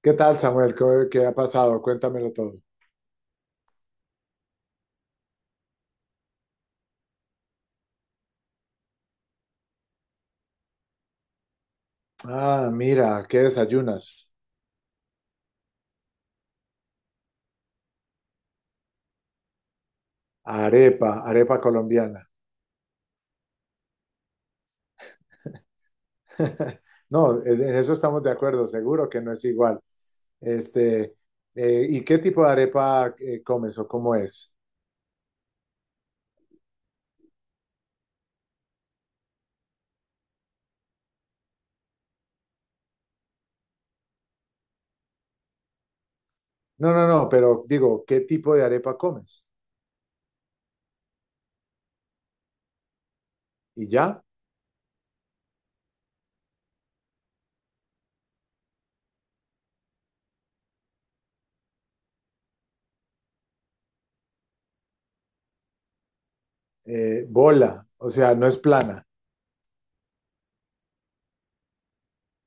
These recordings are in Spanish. ¿Qué tal, Samuel? ¿Qué ha pasado? Cuéntamelo todo. Ah, mira, ¿qué desayunas? Arepa, arepa colombiana. No, en eso estamos de acuerdo, seguro que no es igual. Este, ¿y qué tipo de arepa comes o cómo es? No, no, no, pero digo, ¿qué tipo de arepa comes? Y ya, bola, o sea, no es plana.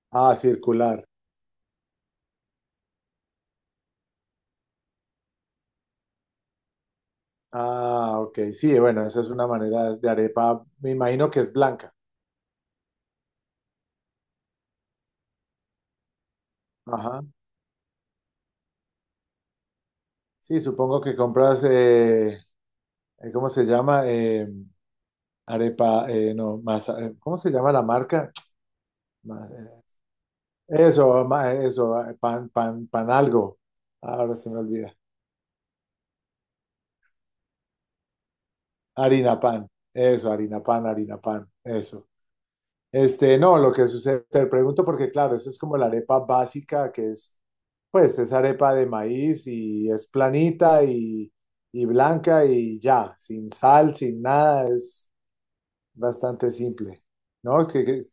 Ah, circular. Ah, ok, sí, bueno, esa es una manera de arepa, me imagino que es blanca. Ajá. Sí, supongo que compras, ¿cómo se llama? Arepa, no, masa, ¿cómo se llama la marca? Ma- eh, Eso, eso, pan, pan, pan algo. Ahora se me olvida. Harina pan, eso, harina pan, eso. Este, no, lo que sucede, te pregunto porque claro, esa es como la arepa básica que es, pues es arepa de maíz y es planita y blanca y ya, sin sal, sin nada, es bastante simple, ¿no?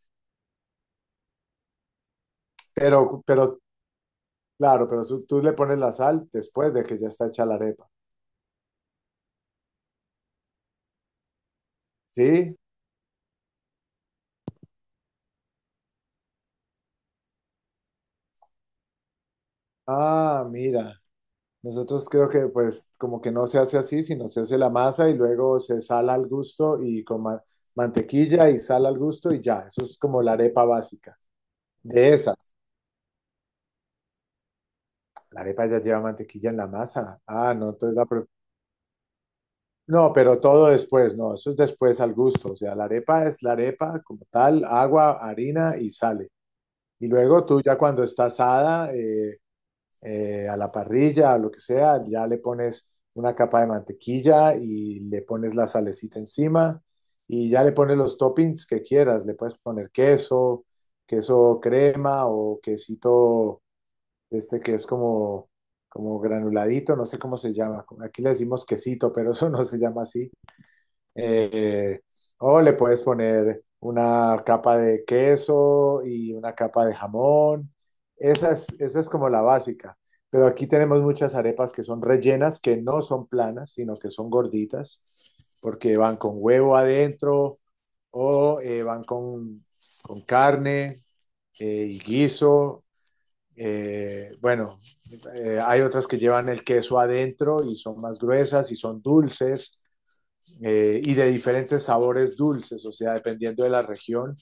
pero, pero, claro, pero tú le pones la sal después de que ya está hecha la arepa, ¿sí? Ah, mira, nosotros creo que pues como que no se hace así, sino se hace la masa y luego se sala al gusto y con mantequilla y sal al gusto y ya, eso es como la arepa básica, de esas. La arepa ya lleva mantequilla en la masa. Ah, no, entonces No, pero todo después, no, eso es después al gusto, o sea, la arepa es la arepa como tal, agua, harina y sale. Y luego tú ya cuando está asada a la parrilla, a lo que sea, ya le pones una capa de mantequilla y le pones la salecita encima y ya le pones los toppings que quieras. Le puedes poner queso, queso crema o quesito este que es como granuladito, no sé cómo se llama. Aquí le decimos quesito, pero eso no se llama así. Eh, o le puedes poner una capa de queso y una capa de jamón. Esa es como la básica. Pero aquí tenemos muchas arepas que son rellenas, que no son planas, sino que son gorditas, porque van con huevo adentro o van con carne y guiso. Bueno, hay otras que llevan el queso adentro y son más gruesas y son dulces y de diferentes sabores dulces, o sea, dependiendo de la región.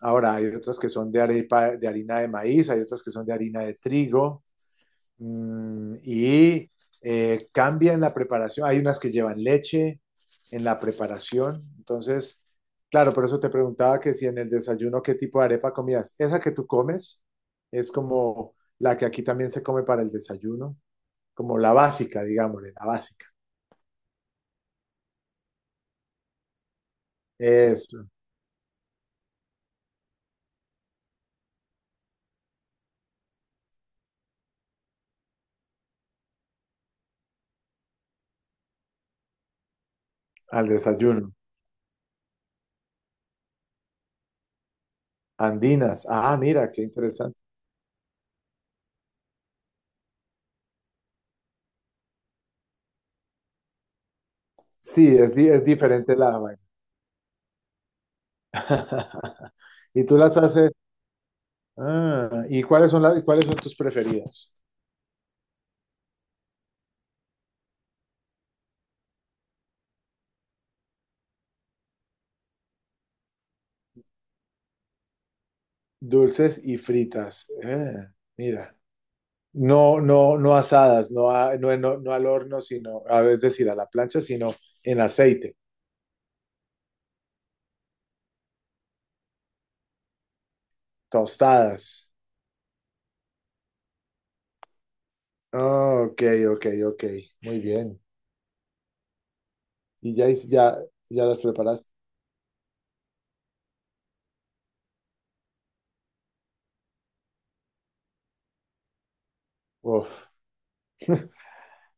Ahora, hay otras que son de, arepa, de harina de maíz, hay otras que son de harina de trigo, y cambia en la preparación. Hay unas que llevan leche en la preparación. Entonces, claro, por eso te preguntaba que si en el desayuno qué tipo de arepa comías. Esa que tú comes es como la que aquí también se come para el desayuno, como la básica, digámosle, la básica. Eso, al desayuno. Andinas. Ah, mira, qué interesante. Sí, es, es diferente la vaina. Y tú las haces. Ah, ¿y cuáles son cuáles son tus preferidas? Dulces y fritas. Mira. No, no, no asadas, no, no, no, no al horno, sino, a ver, es decir, a la plancha, sino en aceite, tostadas. Ah, ok, ok, ok. Muy bien. ¿Y ya las preparaste? Uf.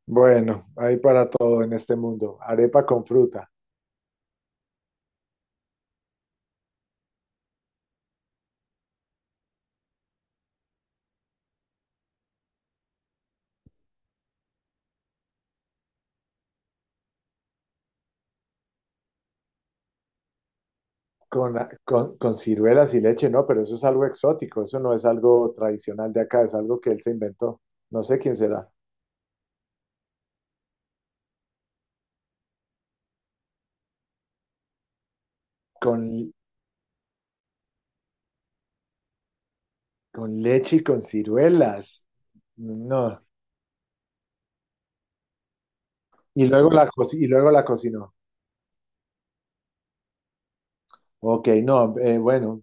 Bueno, hay para todo en este mundo. Arepa con fruta. Con, con ciruelas y leche, no, pero eso es algo exótico, eso no es algo tradicional de acá, es algo que él se inventó. No sé quién será. Con, con leche y con ciruelas. No. Y luego la cocinó. Ok, no, bueno,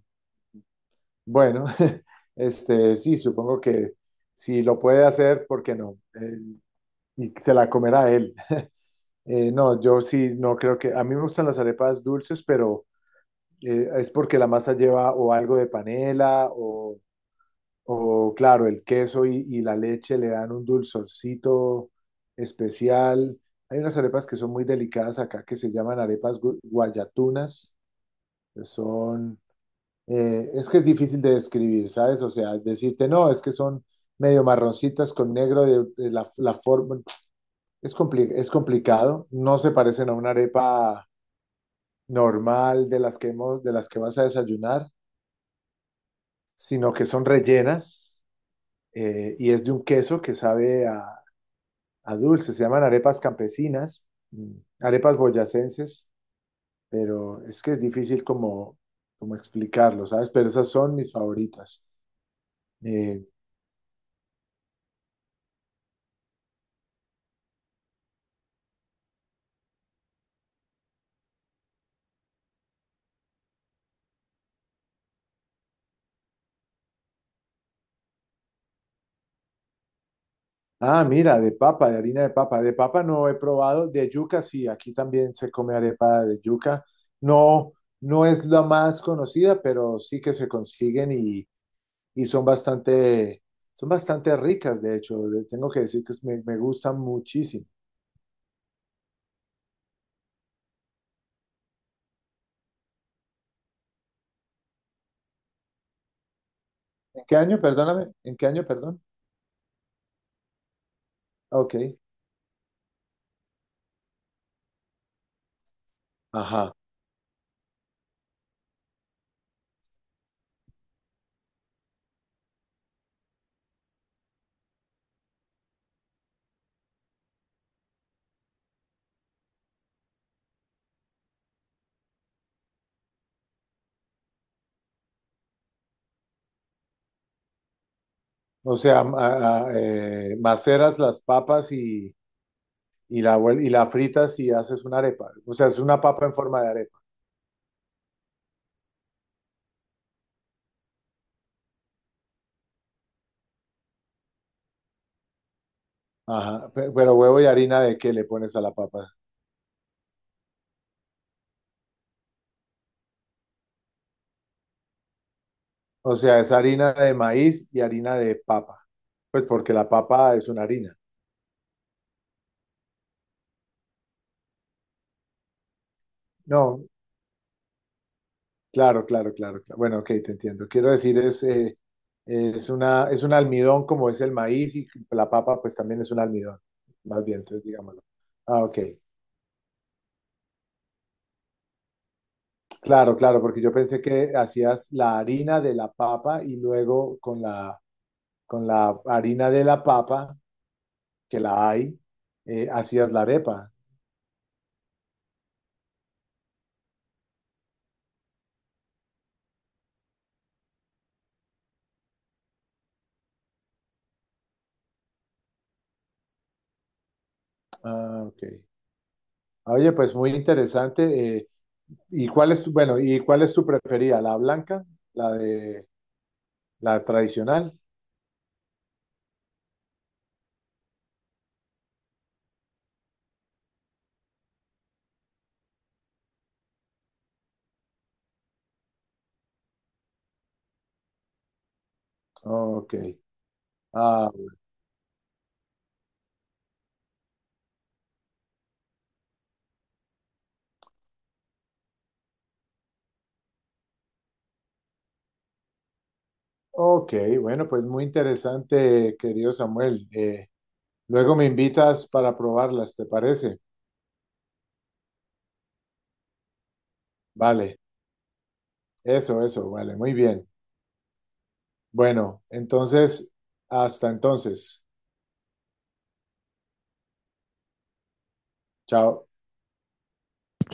bueno, este, sí, supongo que si lo puede hacer, ¿por qué no? Y se la comerá él. No, yo sí, no creo que, a mí me gustan las arepas dulces, pero es porque la masa lleva o algo de panela O claro, el queso y la leche le dan un dulzorcito especial. Hay unas arepas que son muy delicadas acá que se llaman arepas guayatunas, que Son, es que es difícil de describir, ¿sabes? O sea, decirte, no, es que son medio marroncitas con negro de la forma. Es complicado. No se parecen a una arepa normal de las que de las que vas a desayunar, sino que son rellenas, y es de un queso que sabe a dulces, se llaman arepas campesinas, mm, arepas boyacenses, pero es que es difícil como explicarlo, ¿sabes? Pero esas son mis favoritas. Eh, ah, mira, de papa, de harina de papa. De papa no he probado, de yuca sí, aquí también se come arepa de yuca. No, no es la más conocida, pero sí que se consiguen y son bastante ricas, de hecho. Tengo que decir que me gustan muchísimo. ¿En qué año, perdóname? ¿En qué año, perdón? Ok. Ajá. O sea, maceras las papas y la fritas y haces una arepa. O sea, es una papa en forma de arepa. Ajá. Pero huevo y harina de qué le pones a la papa. O sea, es harina de maíz y harina de papa. Pues porque la papa es una harina. No, claro, claro, claro, claro. Bueno, ok, te entiendo. Quiero decir, es un almidón como es el maíz y la papa pues también es un almidón. Más bien, entonces digámoslo. Ah, ok. Claro, claro, porque yo pensé que hacías la harina de la papa y luego con la harina de la papa, que la hay, hacías la arepa. Ah, ok. Oye, pues muy interesante. ¿Y cuál es tu preferida? ¿La blanca? ¿La de la tradicional? Ok. Ah, ok, bueno, pues muy interesante, querido Samuel. Luego me invitas para probarlas, ¿te parece? Vale, eso, vale, muy bien. Bueno, entonces, hasta entonces. Chao.